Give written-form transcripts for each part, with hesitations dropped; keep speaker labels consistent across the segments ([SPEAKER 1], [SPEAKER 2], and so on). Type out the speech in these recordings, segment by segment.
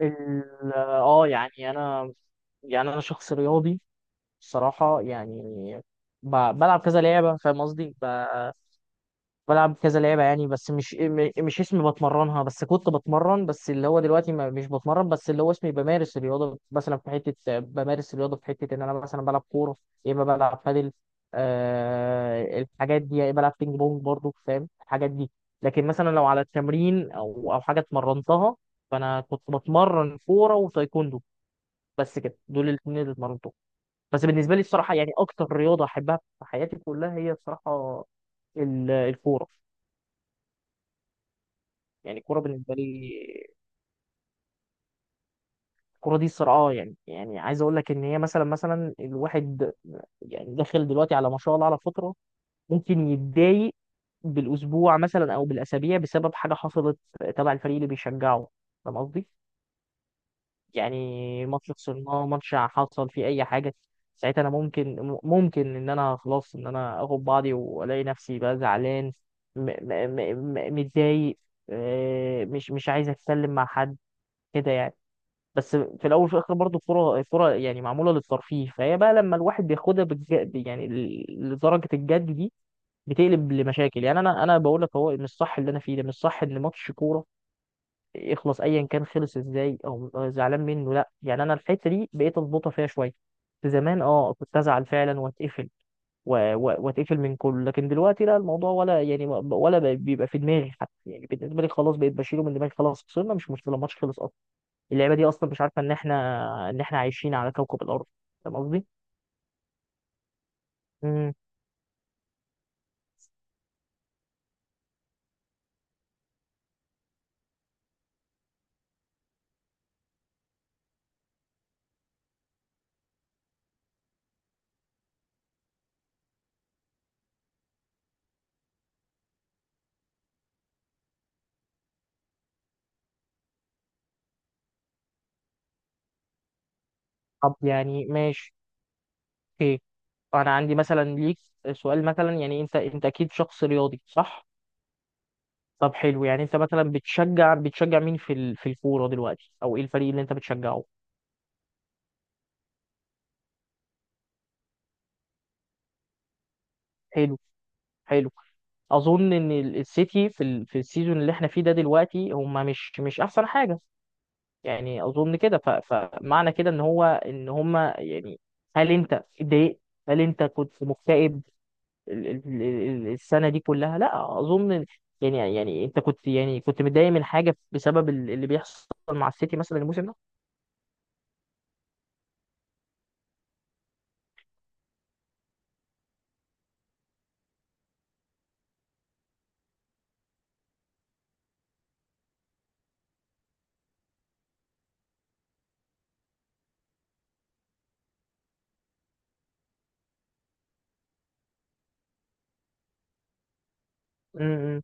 [SPEAKER 1] يعني انا، يعني انا شخص رياضي الصراحه، يعني بلعب كذا لعبه، فاهم قصدي؟ بلعب كذا لعبة يعني، بس مش إيه، مش اسمي بتمرنها، بس كنت بتمرن، بس اللي هو دلوقتي ما مش بتمرن، بس اللي هو اسمي بمارس الرياضة مثلا، في حتة بمارس الرياضة، في حتة إن أنا مثلا بلعب كورة، يا إما بلعب بادل، آه، الحاجات دي، يا إما بلعب بينج بونج برضو، فاهم الحاجات دي. لكن مثلا لو على التمرين أو حاجة اتمرنتها، فأنا كنت بتمرن كورة وتايكوندو، بس كده دول الاثنين اللي اتمرنتهم. بس بالنسبة لي الصراحة، يعني أكتر رياضة أحبها في حياتي كلها هي، الصراحة، الكورة. يعني الكوره بالنسبه لي، الكوره دي الصراع، يعني يعني عايز اقول لك ان هي مثلا، مثلا الواحد يعني داخل دلوقتي على ما شاء الله على فتره، ممكن يتضايق بالاسبوع مثلا او بالاسابيع بسبب حاجه حصلت تبع الفريق اللي بيشجعه، فاهم قصدي؟ يعني ماتش خسرناه، ماتش حصل فيه اي حاجه، ساعتها انا ممكن ان انا خلاص، ان انا اخد بعضي والاقي نفسي بقى زعلان، متضايق، آه، مش عايز اتكلم مع حد، كده يعني. بس في الاول وفي الاخر برضه الكوره يعني معموله للترفيه، فهي بقى لما الواحد بياخدها لدرجه الجد دي، بتقلب لمشاكل. يعني انا بقول لك هو مش صح، اللي انا فيه ده مش صح، ان ماتش كوره يخلص ايا كان، خلص ازاي او زعلان منه، لا. يعني انا الحته دي بقيت اضبطها فيها شويه. في زمان اه كنت ازعل فعلا واتقفل، واتقفل من كله، لكن دلوقتي لا، الموضوع ولا يعني ولا بيبقى في دماغي حتى، يعني بالنسبه لي خلاص بقيت بشيله من دماغي، خلاص خسرنا مش مشكله، الماتش خلص، اللعبه دي اصلا مش عارفه ان احنا، ان احنا عايشين على كوكب الارض، فاهم قصدي؟ امم طب يعني ماشي، اوكي. انا عندي مثلا ليك سؤال مثلا، يعني انت، انت اكيد شخص رياضي صح؟ طب حلو، يعني انت مثلا بتشجع مين في ال... في الكوره دلوقتي، او ايه الفريق اللي انت بتشجعه؟ حلو، حلو. اظن ان السيتي في ال... في السيزون اللي احنا فيه ده دلوقتي هم مش احسن حاجه، يعني اظن كده، ف... فمعنى كده ان هو ان هم يعني، هل انت اتضايقت؟ هل انت كنت مكتئب السنة دي كلها؟ لا أظن، يعني يعني أنت كنت يعني كنت متضايق من حاجة بسبب اللي بيحصل مع السيتي مثلا الموسم ده؟ امم.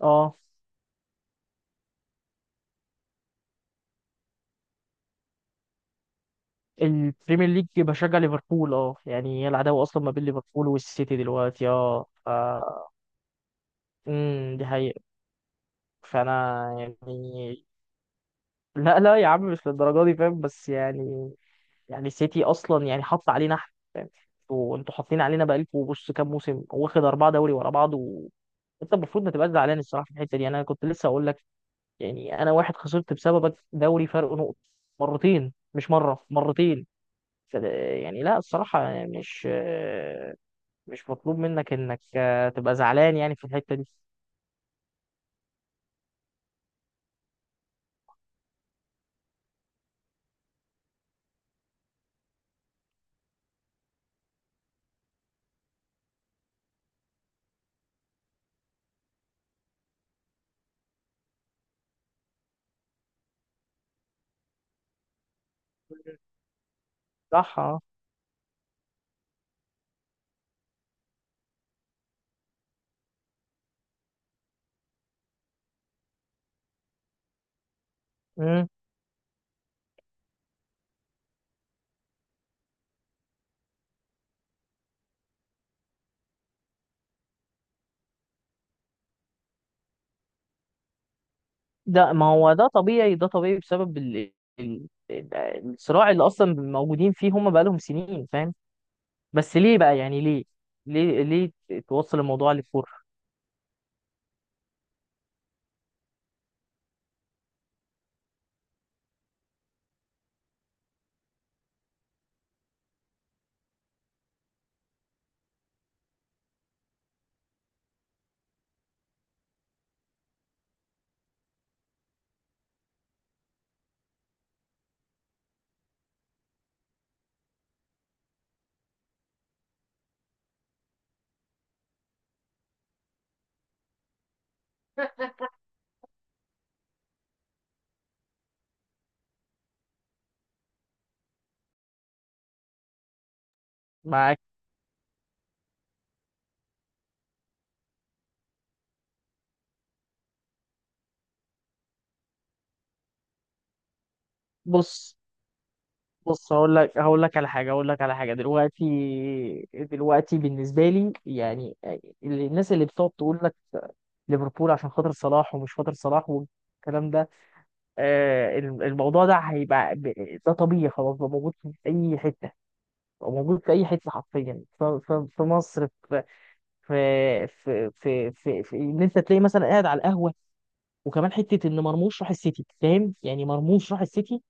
[SPEAKER 1] اه، البريمير ليج بشجع ليفربول، اه يعني هي العداوة أصلا ما بين ليفربول والسيتي دلوقتي، اه ف، دي حقيقة. فأنا يعني، لا لا يا عم مش للدرجة دي، فاهم، بس يعني، يعني السيتي أصلا يعني حط علينا احنا، فاهم؟ وانتوا حاطين علينا بقالكوا، بص كام موسم واخد أربعة دوري ورا بعض، انت المفروض ما تبقاش زعلان الصراحه في الحته دي، انا كنت لسه اقول لك. يعني انا واحد خسرت بسببك دوري فرق نقط، مرتين مش مره، مرتين. فده- يعني لا الصراحه مش، مش مطلوب منك انك، آه، تبقى زعلان يعني في الحته دي. صح اه. مم. ده ما هو ده طبيعي، ده طبيعي بسبب ال... ال... الصراع اللي اصلا موجودين فيه هم بقالهم سنين، فاهم. بس ليه بقى، يعني ليه، ليه توصل الموضوع للكوره، معاك. بص، هقول لك على حاجه، هقول لك على حاجه دلوقتي، دلوقتي بالنسبه لي يعني الناس اللي بتقعد تقول لك ليفربول عشان خاطر صلاح ومش خاطر صلاح والكلام ده، آه، الموضوع ده هيبقى ده طبيعي خلاص، بقى موجود في اي حته، بقى موجود في اي حته حرفيا، في مصر، في ان انت تلاقي مثلا قاعد على القهوه. وكمان حته ان مرموش راح السيتي، فاهم؟ يعني مرموش راح السيتي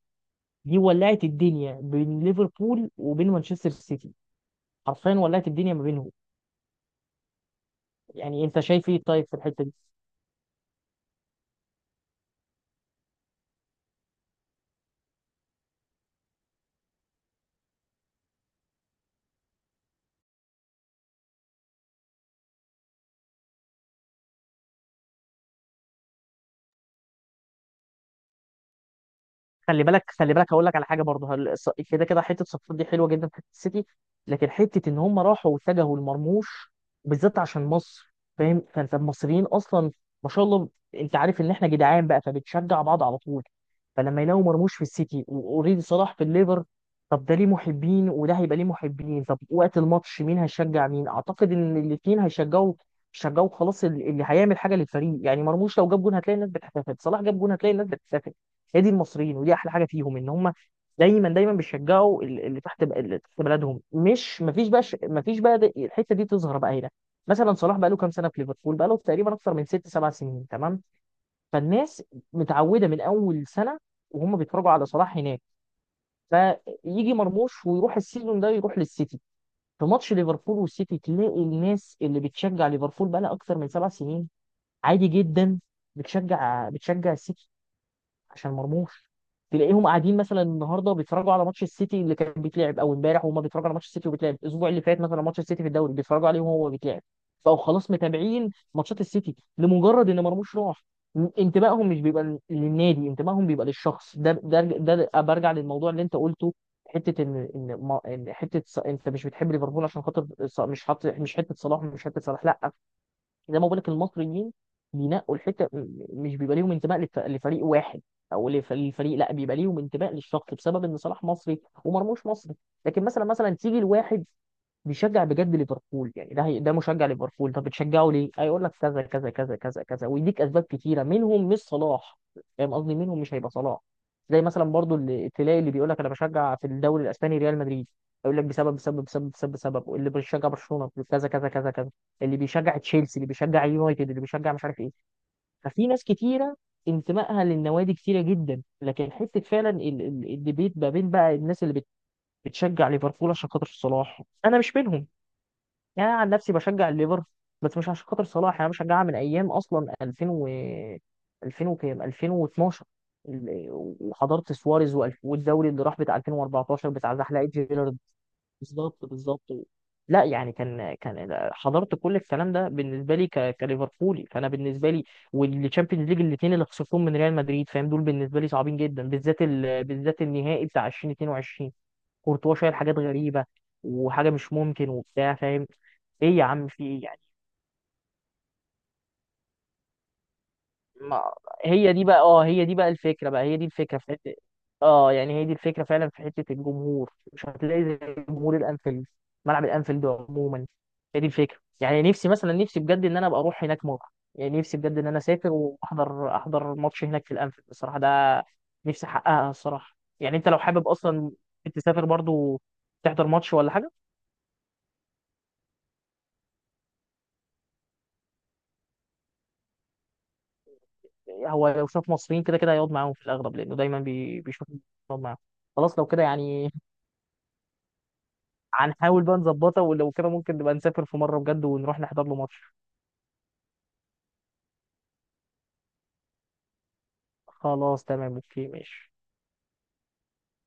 [SPEAKER 1] دي، ولعت الدنيا بين ليفربول وبين مانشستر سيتي، حرفيا ولعت الدنيا ما بينهم. يعني انت شايف ايه طيب في الحته دي؟ خلي بالك هقول لك على حاجه برضه، كده كده حته صفقات دي حلوه جدا في حته السيتي، لكن حته ان هم راحوا واتجهوا لمرموش بالذات عشان مصر، فاهم، فانت المصريين اصلا ما شاء الله، انت عارف ان احنا جدعان بقى فبتشجع بعض على طول. فلما يلاقوا مرموش في السيتي واوريدي صلاح في الليفر، طب ده ليه محبين، وده هيبقى ليه محبين، طب وقت الماتش مين هيشجع مين؟ اعتقد ان الاثنين هيشجعوا، شجعوا خلاص، اللي هيعمل حاجه للفريق، يعني مرموش لو جاب جون هتلاقي الناس بتحتفل، صلاح جاب جون هتلاقي الناس بتحتفل. هي دي المصريين، ودي احلى حاجه فيهم ان هم دايما دايما بيشجعوا اللي تحت، اللي تحت بلدهم، مش مفيش بقى، مفيش بقى، الحته دي تظهر بقى هنا. مثلا صلاح بقى له كام سنه في ليفربول، بقى له تقريبا اكتر من ست سبع سنين تمام، فالناس متعوده من اول سنه وهم بيتفرجوا على صلاح هناك. فيجي مرموش ويروح السيزون ده، يروح للسيتي، في ماتش ليفربول والسيتي تلاقي الناس اللي بتشجع ليفربول بقى لها اكتر من سبع سنين عادي جدا بتشجع السيتي عشان مرموش. تلاقيهم قاعدين مثلا النهارده بيتفرجوا على ماتش السيتي اللي كان بيتلعب او امبارح، وهم بيتفرجوا على ماتش السيتي وبيتلعب الاسبوع اللي فات، مثلا ماتش السيتي في الدوري بيتفرجوا عليه وهو بيتلعب، فهو خلاص متابعين ماتشات السيتي لمجرد ان مرموش راح. انتمائهم مش بيبقى للنادي، انتمائهم بيبقى للشخص ده، برجع للموضوع اللي انت قلته. حته ان ان إن حته انت مش بتحب ليفربول عشان خاطر مش حاطط، مش حته صلاح مش حته صلاح لا. زي ما بقول لك المصريين بينقوا الحته، مش بيبقى ليهم انتماء لفريق واحد، او للفريق، لا بيبقى ليهم انتماء للشخص، بسبب ان صلاح مصري ومرموش مصري. لكن مثلا، مثلا تيجي لواحد بيشجع بجد ليفربول، يعني ده ده مشجع ليفربول، طب بتشجعه ليه؟ هيقول لك كذا كذا كذا كذا كذا، ويديك اسباب كتيره منهم مش صلاح، فاهم قصدي منهم مش هيبقى صلاح. زي مثلا برضو اللي تلاقي اللي بيقول لك انا بشجع في الدوري الاسباني ريال مدريد، يقول لك بسبب بسبب بسبب بسبب بسبب، واللي بيشجع برشلونه كذا كذا كذا كذا، اللي بيشجع تشيلسي، اللي بيشجع يونايتد، اللي بيشجع مش عارف ايه. ففي ناس كتيره انتمائها للنوادي كتيره جدا، لكن حته فعلا الديبيت ما بين بقى الناس اللي بتشجع ليفربول عشان خاطر صلاح، انا مش منهم. يعني انا عن نفسي بشجع الليفر بس مش عشان خاطر صلاح، يعني انا بشجعها من ايام اصلا 2000 و 2000 وكام 2012، ال- وحضرت سواريز، والدوري اللي راح بتاع 2014 بتاع زحلقه جيرارد. بالظبط، بالظبط. لا يعني كان حضرت كل الكلام ده، بالنسبه لي كليفربولي، فانا بالنسبه لي والتشامبيونز ليج الاثنين اللي خسرتهم من ريال مدريد، فاهم، دول بالنسبه لي صعبين جدا، بالذات ال... بالذات النهائي بتاع 2022، كورتوا شايل حاجات غريبه، وحاجه مش ممكن وبتاع، فاهم. ايه يا عم في ايه يعني؟ ما هي دي بقى، اه هي دي بقى الفكره بقى، هي دي الفكره في حته. اه يعني هي دي الفكره فعلا في حته الجمهور، مش هتلاقي زي جمهور الانفيلد، ملعب الانفيلد عموما. هي دي الفكره، يعني نفسي مثلا، نفسي بجد ان انا ابقى اروح هناك مره، يعني نفسي بجد ان انا اسافر واحضر، احضر ماتش هناك في الانفيلد الصراحه ده، نفسي احققها الصراحه. يعني انت لو حابب اصلا تسافر برضو تحضر ماتش ولا حاجه، هو لو شاف مصريين كده كده هيقعد معاهم في الاغلب، لانه دايما بيشوف يقعد معاهم، خلاص لو كده يعني هنحاول بقى نظبطها، ولو كده ممكن نبقى نسافر في مرة بجد ونروح نحضر له ماتش. خلاص تمام، اوكي ماشي.